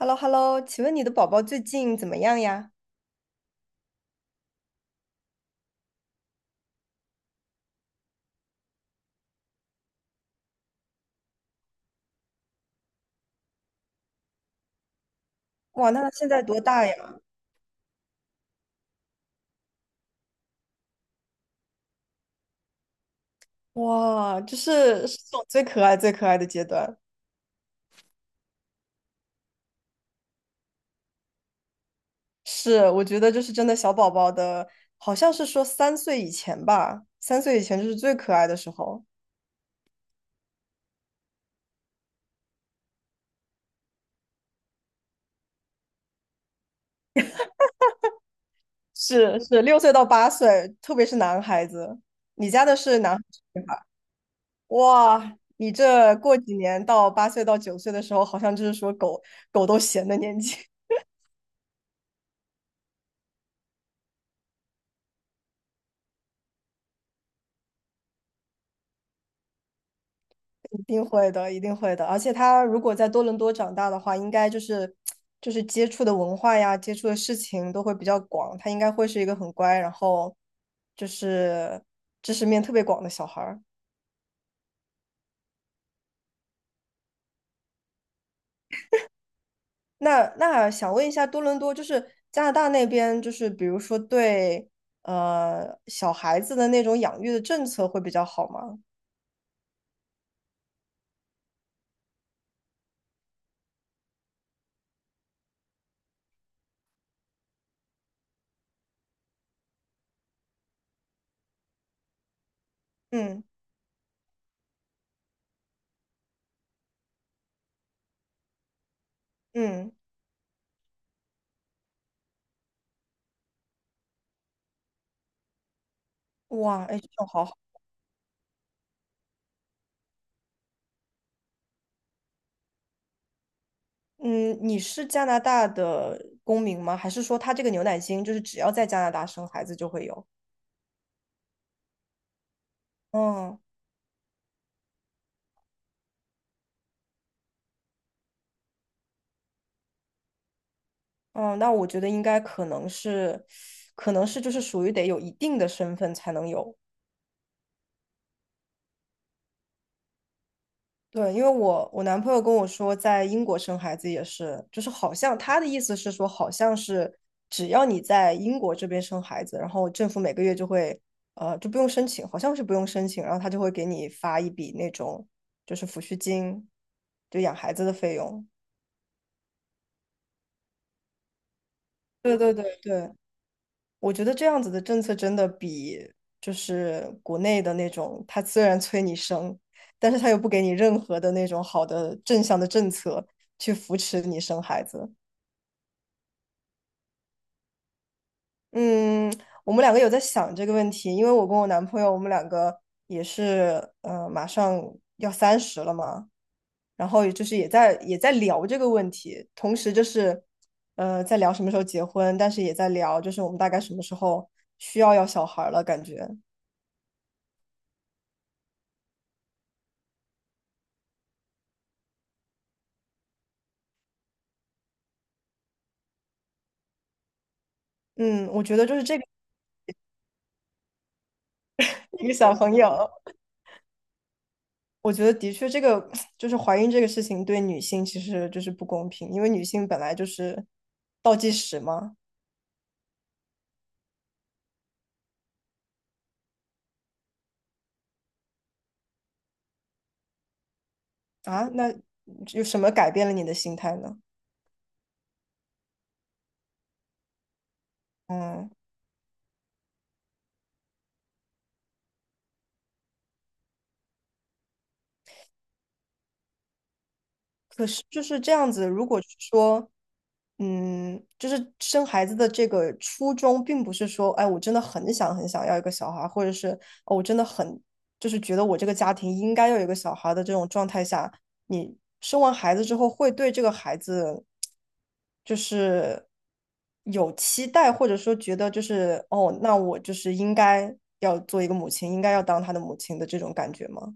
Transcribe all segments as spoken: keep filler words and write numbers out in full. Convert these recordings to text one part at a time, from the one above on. h e l l o h e l l o 请问你的宝宝最近怎么样呀？哇，那他现在多大呀？哇，就是是这种最可爱、最可爱的阶段。是，我觉得就是真的小宝宝的，好像是说三岁以前吧，三岁以前就是最可爱的时候。是是，六岁到八岁，特别是男孩子。你家的是男孩子女孩？哇，你这过几年到八岁到九岁的时候，好像就是说狗狗都闲的年纪。一定会的，一定会的。而且他如果在多伦多长大的话，应该就是就是接触的文化呀，接触的事情都会比较广。他应该会是一个很乖，然后就是知识面特别广的小孩儿。那那想问一下，多伦多就是加拿大那边，就是比如说对呃小孩子的那种养育的政策会比较好吗？嗯嗯，哇，哎，这种好好。嗯，你是加拿大的公民吗？还是说他这个牛奶金就是只要在加拿大生孩子就会有？嗯嗯，那我觉得应该可能是，可能是就是属于得有一定的身份才能有。对，因为我我男朋友跟我说，在英国生孩子也是，就是好像他的意思是说，好像是只要你在英国这边生孩子，然后政府每个月就会，呃，就不用申请，好像是不用申请，然后他就会给你发一笔那种就是抚恤金，就养孩子的费用。对对对对，我觉得这样子的政策真的比就是国内的那种，他虽然催你生，但是他又不给你任何的那种好的正向的政策去扶持你生孩子。嗯，我们两个有在想这个问题，因为我跟我男朋友，我们两个也是，呃，马上要三十了嘛，然后也就是也在也在聊这个问题，同时就是，呃，在聊什么时候结婚，但是也在聊就是我们大概什么时候需要要小孩儿了，感觉，嗯，我觉得就是这个一个小朋友，我觉得的确这个 就是怀孕这个事情对女性其实就是不公平，因为女性本来就是倒计时嘛。啊，那有什么改变了你的心态呢？嗯。可是就是这样子，如果是说，嗯，就是生孩子的这个初衷，并不是说，哎，我真的很想很想要一个小孩，或者是，哦，我真的很，就是觉得我这个家庭应该要有一个小孩的这种状态下，你生完孩子之后，会对这个孩子，就是有期待，或者说觉得就是，哦，那我就是应该要做一个母亲，应该要当他的母亲的这种感觉吗？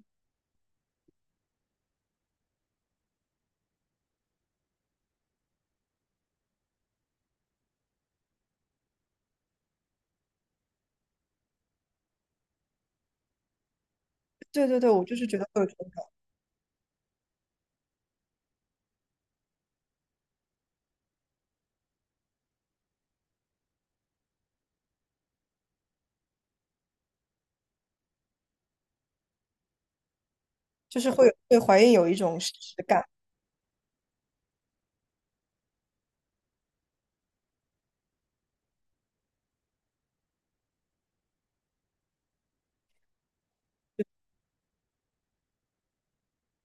对对对，我就是觉得会有。就是会有对怀孕有一种实感。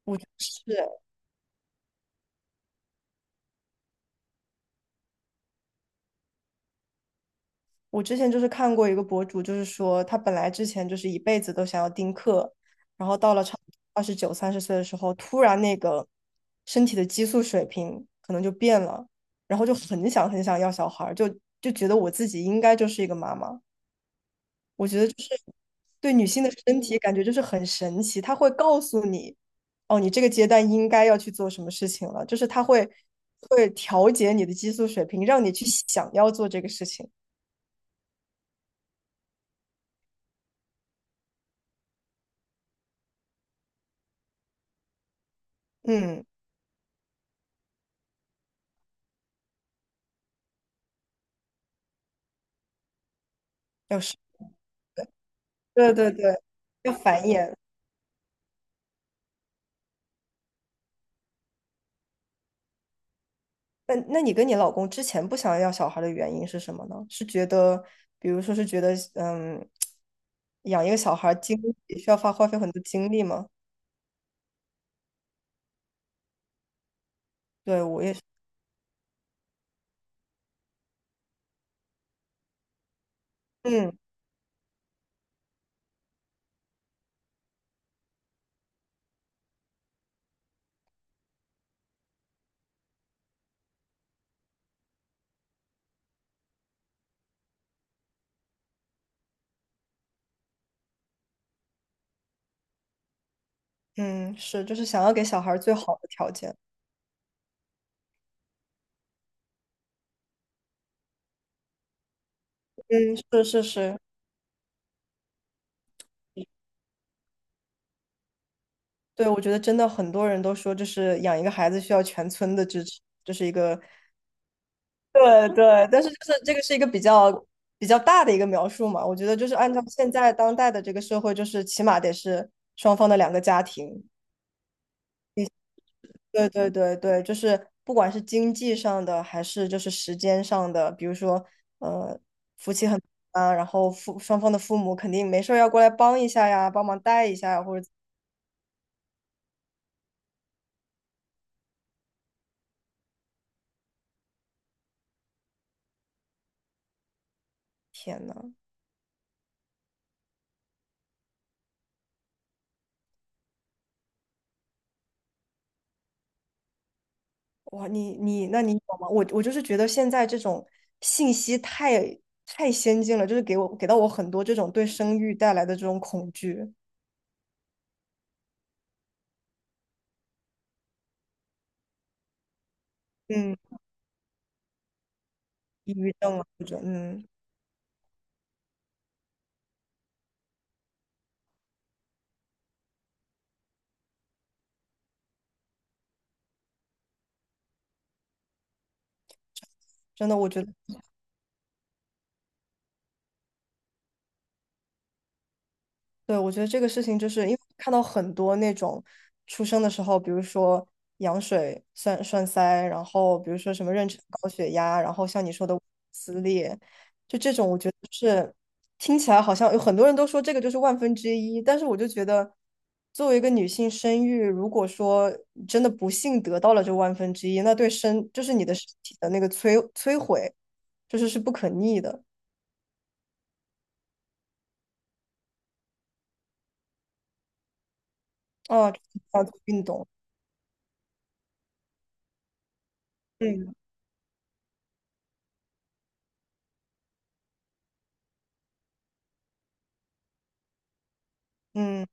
我是我之前就是看过一个博主，就是说他本来之前就是一辈子都想要丁克，然后到了差二十九、三十岁的时候，突然那个身体的激素水平可能就变了，然后就很想很想要小孩儿就就觉得我自己应该就是一个妈妈。我觉得就是对女性的身体感觉就是很神奇，它会告诉你，哦，你这个阶段应该要去做什么事情了，就是它会会调节你的激素水平，让你去想要做这个事情。嗯，要是对对对，要繁衍。那那你跟你老公之前不想要小孩的原因是什么呢？是觉得，比如说是觉得，嗯，养一个小孩精力需要花花费很多精力吗？对，我也是，嗯嗯，是，就是想要给小孩最好的条件。是是是，对，我觉得真的很多人都说，就是养一个孩子需要全村的支持，这是一个 对对，但是就是这个是一个比较比较大的一个描述嘛，我觉得就是按照现在当代的这个社会，就是起码得是双方的两个家庭，对对对对，就是不管是经济上的还是就是时间上的，比如说呃啊，然后父双方的父母肯定没事儿要过来帮一下呀，帮忙带一下呀，或者天呐。哇，你你那你有吗？我我就是觉得现在这种信息太太先进了，就是给我给到我很多这种对生育带来的这种恐惧，嗯，抑郁症啊，或者嗯，真的，我觉得，对，我觉得这个事情就是因为看到很多那种出生的时候，比如说羊水栓栓塞，然后比如说什么妊娠高血压，然后像你说的撕裂，听起来好像有很多人都说这个就是万分之一，但是我就觉得，作为一个女性生育，如果说真的不幸得到了这万分之一，那对身就是你的身体的那个摧摧毁，就是是不可逆的啊。要做运动，嗯嗯，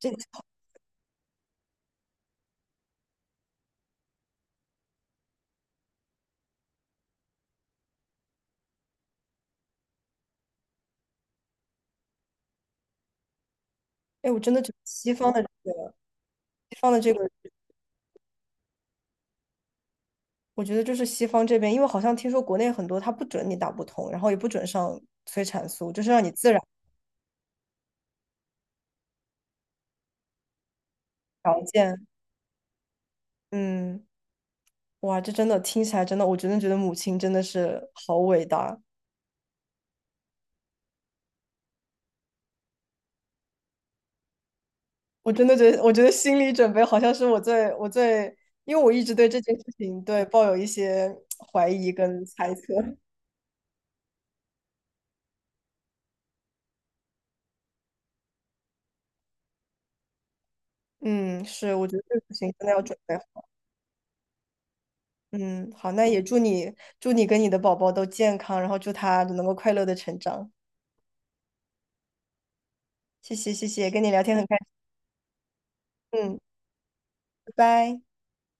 这哎，我真的觉得西方的这个西方的这个，我觉得就是西方这边，因为好像听说国内很多它不准你打不通，然后也不准上催产素，就是让你自然条件，嗯。哇，这真的听起来真的，我真的觉得母亲真的是好伟大。我真的觉得，我觉得心理准备好像是我最我最，因为我一直对这件事情对抱有一些怀疑跟猜测。嗯，是，我觉得这个事情真的要准备好。嗯，好，那也祝你祝你跟你的宝宝都健康，然后祝他能够快乐的成长。谢谢谢谢，跟你聊天很开心。嗯，拜拜。